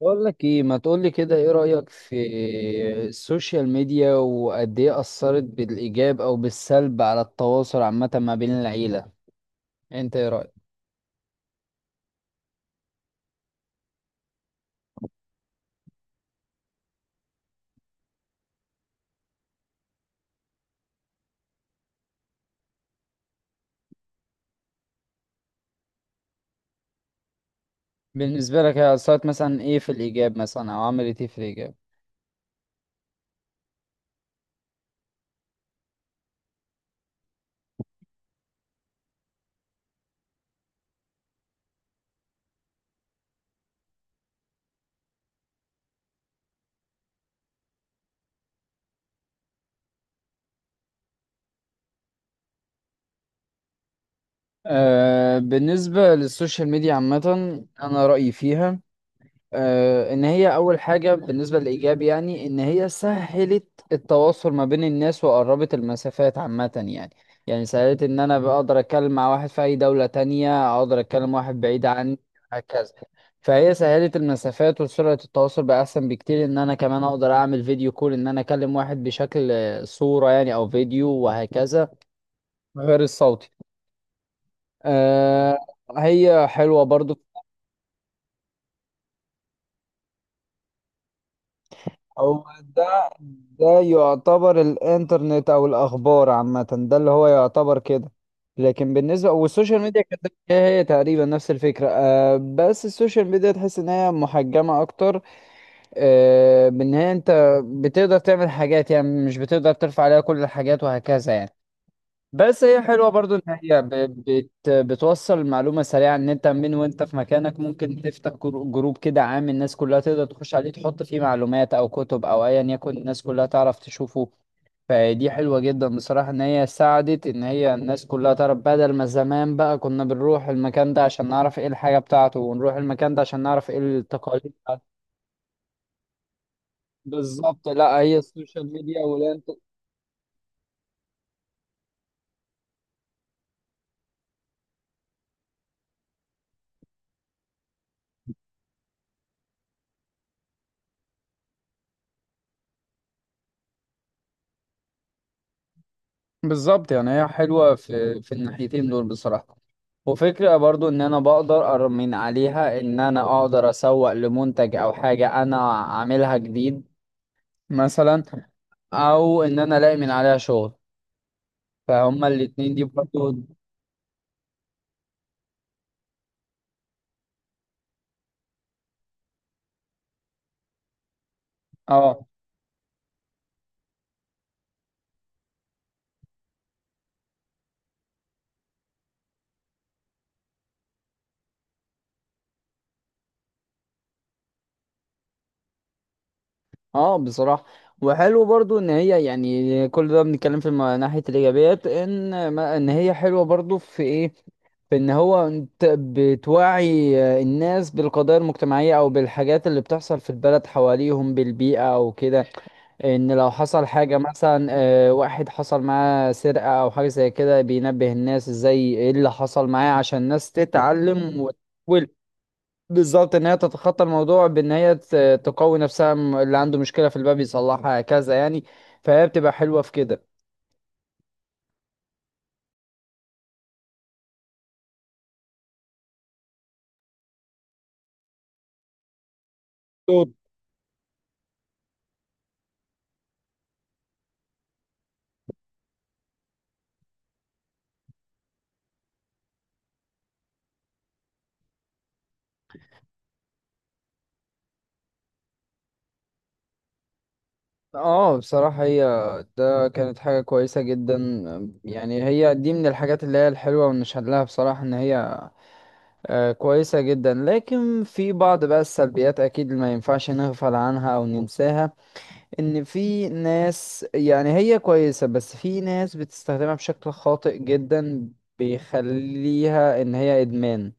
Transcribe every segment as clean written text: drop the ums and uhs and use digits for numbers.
بقول لك ايه، ما تقول لي كده، ايه رأيك في السوشيال ميديا وقد ايه أثرت بالإيجاب او بالسلب على التواصل عامة ما بين العيلة؟ انت ايه رأيك؟ بالنسبة لك هي أثرت مثلا ايه في الإيجاب، مثلا او عملت ايه في الإيجاب؟ بالنسبة للسوشيال ميديا عامة، انا رأيي فيها، ان هي اول حاجة بالنسبة للايجاب، يعني ان هي سهلت التواصل ما بين الناس وقربت المسافات عامة، يعني. يعني سهلت ان انا بقدر اتكلم مع واحد في اي دولة تانية، اقدر اتكلم واحد بعيد عني، هكذا. فهي سهلت المسافات وسرعة التواصل بقى احسن بكتير، ان انا كمان اقدر اعمل فيديو كول، ان انا اكلم واحد بشكل صورة يعني او فيديو وهكذا، غير الصوتي. آه، هي حلوة برضو. هو ده. ده يعتبر الانترنت او الاخبار عامه، ده اللي هو يعتبر كده. لكن بالنسبه والسوشيال ميديا كانت هي تقريبا نفس الفكره، بس السوشيال ميديا تحس ان هي محجمه اكتر. بان هي انت بتقدر تعمل حاجات، يعني مش بتقدر ترفع عليها كل الحاجات وهكذا يعني. بس هي حلوة برضو ان هي ب- بت بتوصل المعلومة سريعة، ان انت من وانت في مكانك ممكن تفتح جروب كده عام، الناس كلها تقدر تخش عليه تحط فيه معلومات او كتب او ايا يكن، الناس كلها تعرف تشوفه. فدي حلوة جدا بصراحة، ان هي ساعدت ان هي الناس كلها تعرف، بدل ما زمان بقى كنا بنروح المكان ده عشان نعرف ايه الحاجة بتاعته، ونروح المكان ده عشان نعرف ايه التقاليد بتاعته. بالظبط، لا هي السوشيال ميديا. بالظبط، يعني هي حلوة في الناحيتين دول بصراحة. وفكرة برضو ان انا بقدر من عليها، ان انا اقدر اسوق لمنتج او حاجة انا عاملها جديد مثلا، او ان انا الاقي من عليها شغل، فهما الاتنين دي برضو. اه اه بصراحة وحلو برضو ان هي يعني كل ده بنتكلم في ناحية الايجابيات، ان ما ان هي حلوة برضو في ايه، في ان هو انت بتوعي الناس بالقضايا المجتمعية او بالحاجات اللي بتحصل في البلد حواليهم بالبيئة او كده. ان لو حصل حاجة مثلا، واحد حصل معاه سرقة او حاجة زي كده، بينبه الناس ازاي ايه اللي حصل معاه عشان الناس تتعلم. بالظبط، ان هي تتخطى الموضوع بان هي تقوي نفسها، اللي عنده مشكله في الباب يصلحها، هكذا يعني، فهي بتبقى حلوه في كده دول. اه، بصراحه هي ده كانت حاجه كويسه جدا. يعني هي دي من الحاجات اللي هي الحلوه ونشهد لها بصراحه ان هي كويسه جدا. لكن في بعض بقى السلبيات اكيد اللي ما ينفعش نغفل عنها او ننساها، ان في ناس يعني هي كويسة بس في ناس بتستخدمها بشكل خاطئ جدا، بيخليها ان هي ادمان.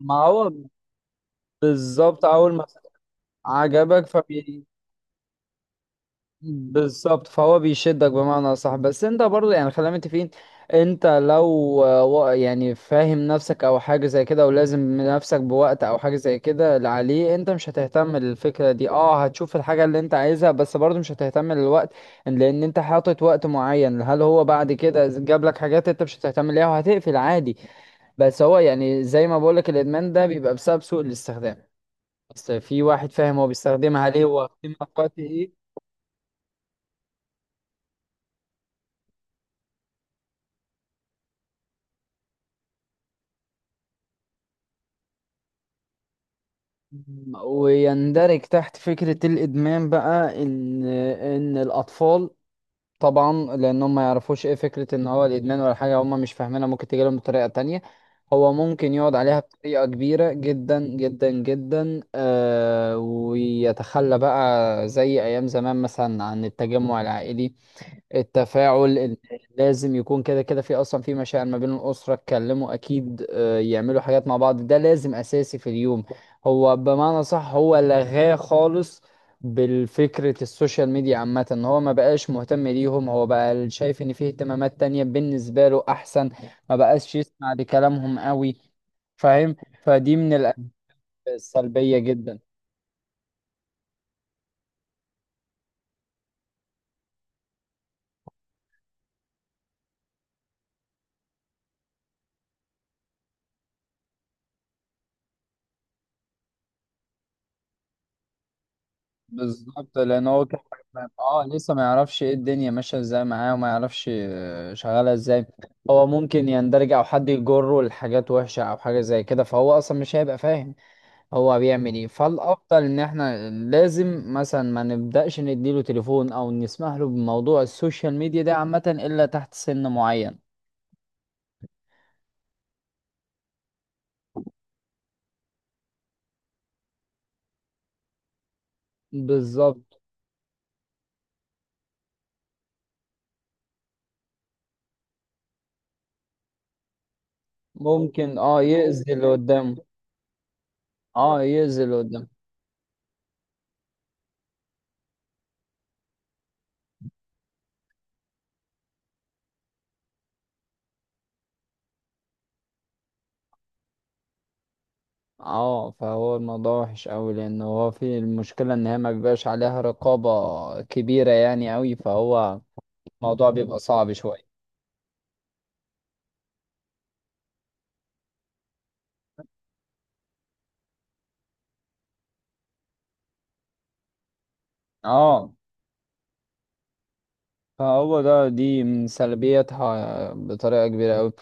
ما هو بالظبط اول ما عجبك. بالظبط، فهو بيشدك بمعنى صح، بس انت برضه يعني خلينا متفقين، انت لو يعني فاهم نفسك او حاجه زي كده، ولازم نفسك بوقت او حاجه زي كده، اللي عليه انت مش هتهتم للفكره دي، هتشوف الحاجه اللي انت عايزها، بس برضه مش هتهتم للوقت، لان انت حاطط وقت معين. هل هو بعد كده جاب لك حاجات انت مش هتهتم ليها؟ وهتقفل عادي. بس هو يعني زي ما بقولك الادمان ده بيبقى بسبب سوء الاستخدام، بس في واحد فاهم هو بيستخدمها ليه وقيمة في وقت ايه. ويندرج تحت فكرة الإدمان بقى إن الأطفال طبعا، لأن هم ما يعرفوش إيه فكرة إن هو الإدمان ولا حاجة، هم مش فاهمينها، ممكن تجيلهم بطريقة تانية. هو ممكن يقعد عليها بطريقة كبيرة جدا جدا جدا، ويتخلى بقى زي أيام زمان مثلا عن التجمع العائلي، التفاعل، إن لازم يكون كده كده، في اصلا في مشاعر ما بين الاسره، اتكلموا اكيد، يعملوا حاجات مع بعض، ده لازم اساسي في اليوم. هو بمعنى صح هو لغاه خالص بالفكرة. السوشيال ميديا عامة ان هو ما بقاش مهتم ليهم، هو بقى شايف ان فيه اهتمامات تانية بالنسبة له احسن، ما بقاش يسمع لكلامهم قوي، فاهم. فدي من الأسباب السلبية جدا. بالظبط، لان هو كان اه لسه ما يعرفش ايه الدنيا ماشيه ازاي معاه، وما يعرفش شغاله ازاي. هو ممكن يندرج او حد يجره لحاجات وحشه او حاجه زي كده، فهو اصلا مش هيبقى فاهم هو بيعمل ايه. فالافضل ان احنا لازم مثلا ما نبداش نديله تليفون او نسمح له بموضوع السوشيال ميديا ده عامه الا تحت سن معين. بالظبط، ممكن يأذي اللي قدامه. اه، يأذي اللي قدامه. اه، فهو الموضوع وحش قوي، لان هو في المشكله ان هي ما بيبقاش عليها رقابه كبيره يعني قوي، فهو الموضوع بيبقى صعب شويه. اه، فهو دي من سلبياتها بطريقه كبيره قوي.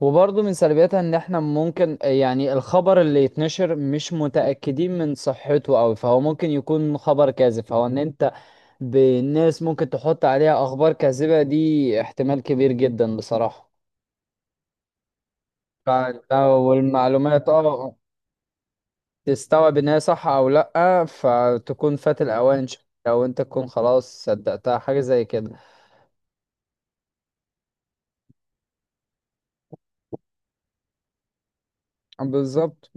وبرضه من سلبياتها ان احنا ممكن يعني الخبر اللي يتنشر مش متاكدين من صحته قوي، فهو ممكن يكون خبر كاذب. فهو ان انت بالناس ممكن تحط عليها اخبار كاذبه، دي احتمال كبير جدا بصراحه. فانت والمعلومات تستوعب ان هي صح او لأ، فتكون فات الأوان شوية، لو انت تكون خلاص صدقتها حاجة زي كده. بالظبط.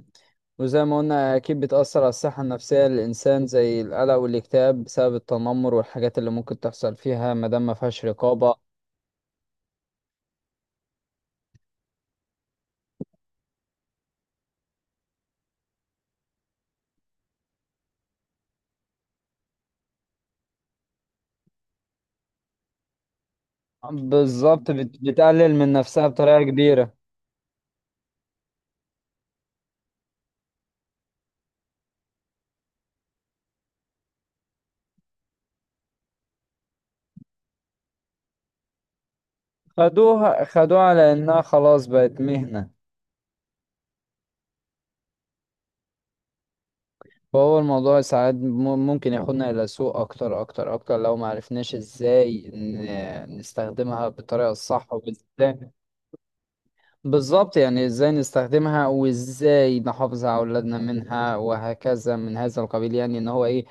وزي ما قلنا أكيد بتأثر على الصحة النفسية للإنسان زي القلق والاكتئاب بسبب التنمر والحاجات اللي ممكن تحصل فيها مادام ما فيهاش رقابة. بالظبط، بتقلل من نفسها بطريقة كبيرة. خدوها خدوها على إنها خلاص بقت مهنة. فهو الموضوع ساعات ممكن ياخدنا إلى سوء أكتر أكتر أكتر لو ما عرفناش إزاي نستخدمها بالطريقة الصح، وإزاي بالظبط يعني إزاي نستخدمها وإزاي نحافظ على أولادنا منها، وهكذا من هذا القبيل، يعني إن هو إيه.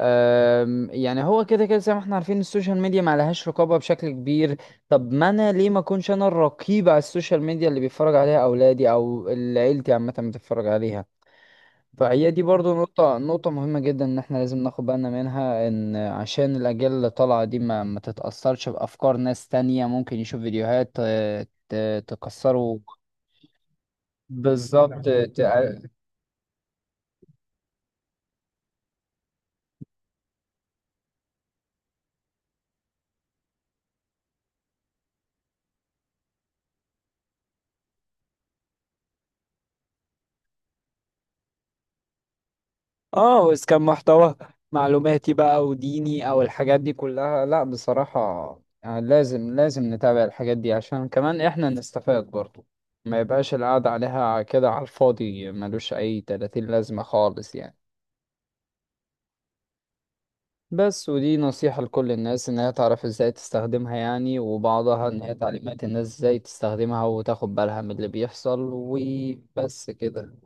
يعني هو كده كده زي ما احنا عارفين السوشيال ميديا ما لهاش رقابة بشكل كبير. طب ما أنا ليه ما أكونش أنا الرقيب على السوشيال ميديا اللي بيتفرج عليها أولادي أو اللي عيلتي عامة بتتفرج عليها؟ فهي دي برضو نقطة مهمة جدا، إن إحنا لازم ناخد بالنا منها، إن عشان الأجيال اللي طالعة دي ما تتأثرش بأفكار ناس تانية، ممكن يشوف فيديوهات، تكسره. بالظبط، وإذا كان محتوى معلوماتي بقى وديني أو الحاجات دي كلها، لأ بصراحة، لازم لازم نتابع الحاجات دي عشان كمان إحنا نستفاد برضو، ما يبقاش القعدة عليها كده على الفاضي، ملوش أي تلاتين لازمة خالص يعني. بس ودي نصيحة لكل الناس، إنها تعرف إزاي تستخدمها يعني، وبعضها إن هي تعليمات الناس إزاي تستخدمها وتاخد بالها من اللي بيحصل، وبس كده.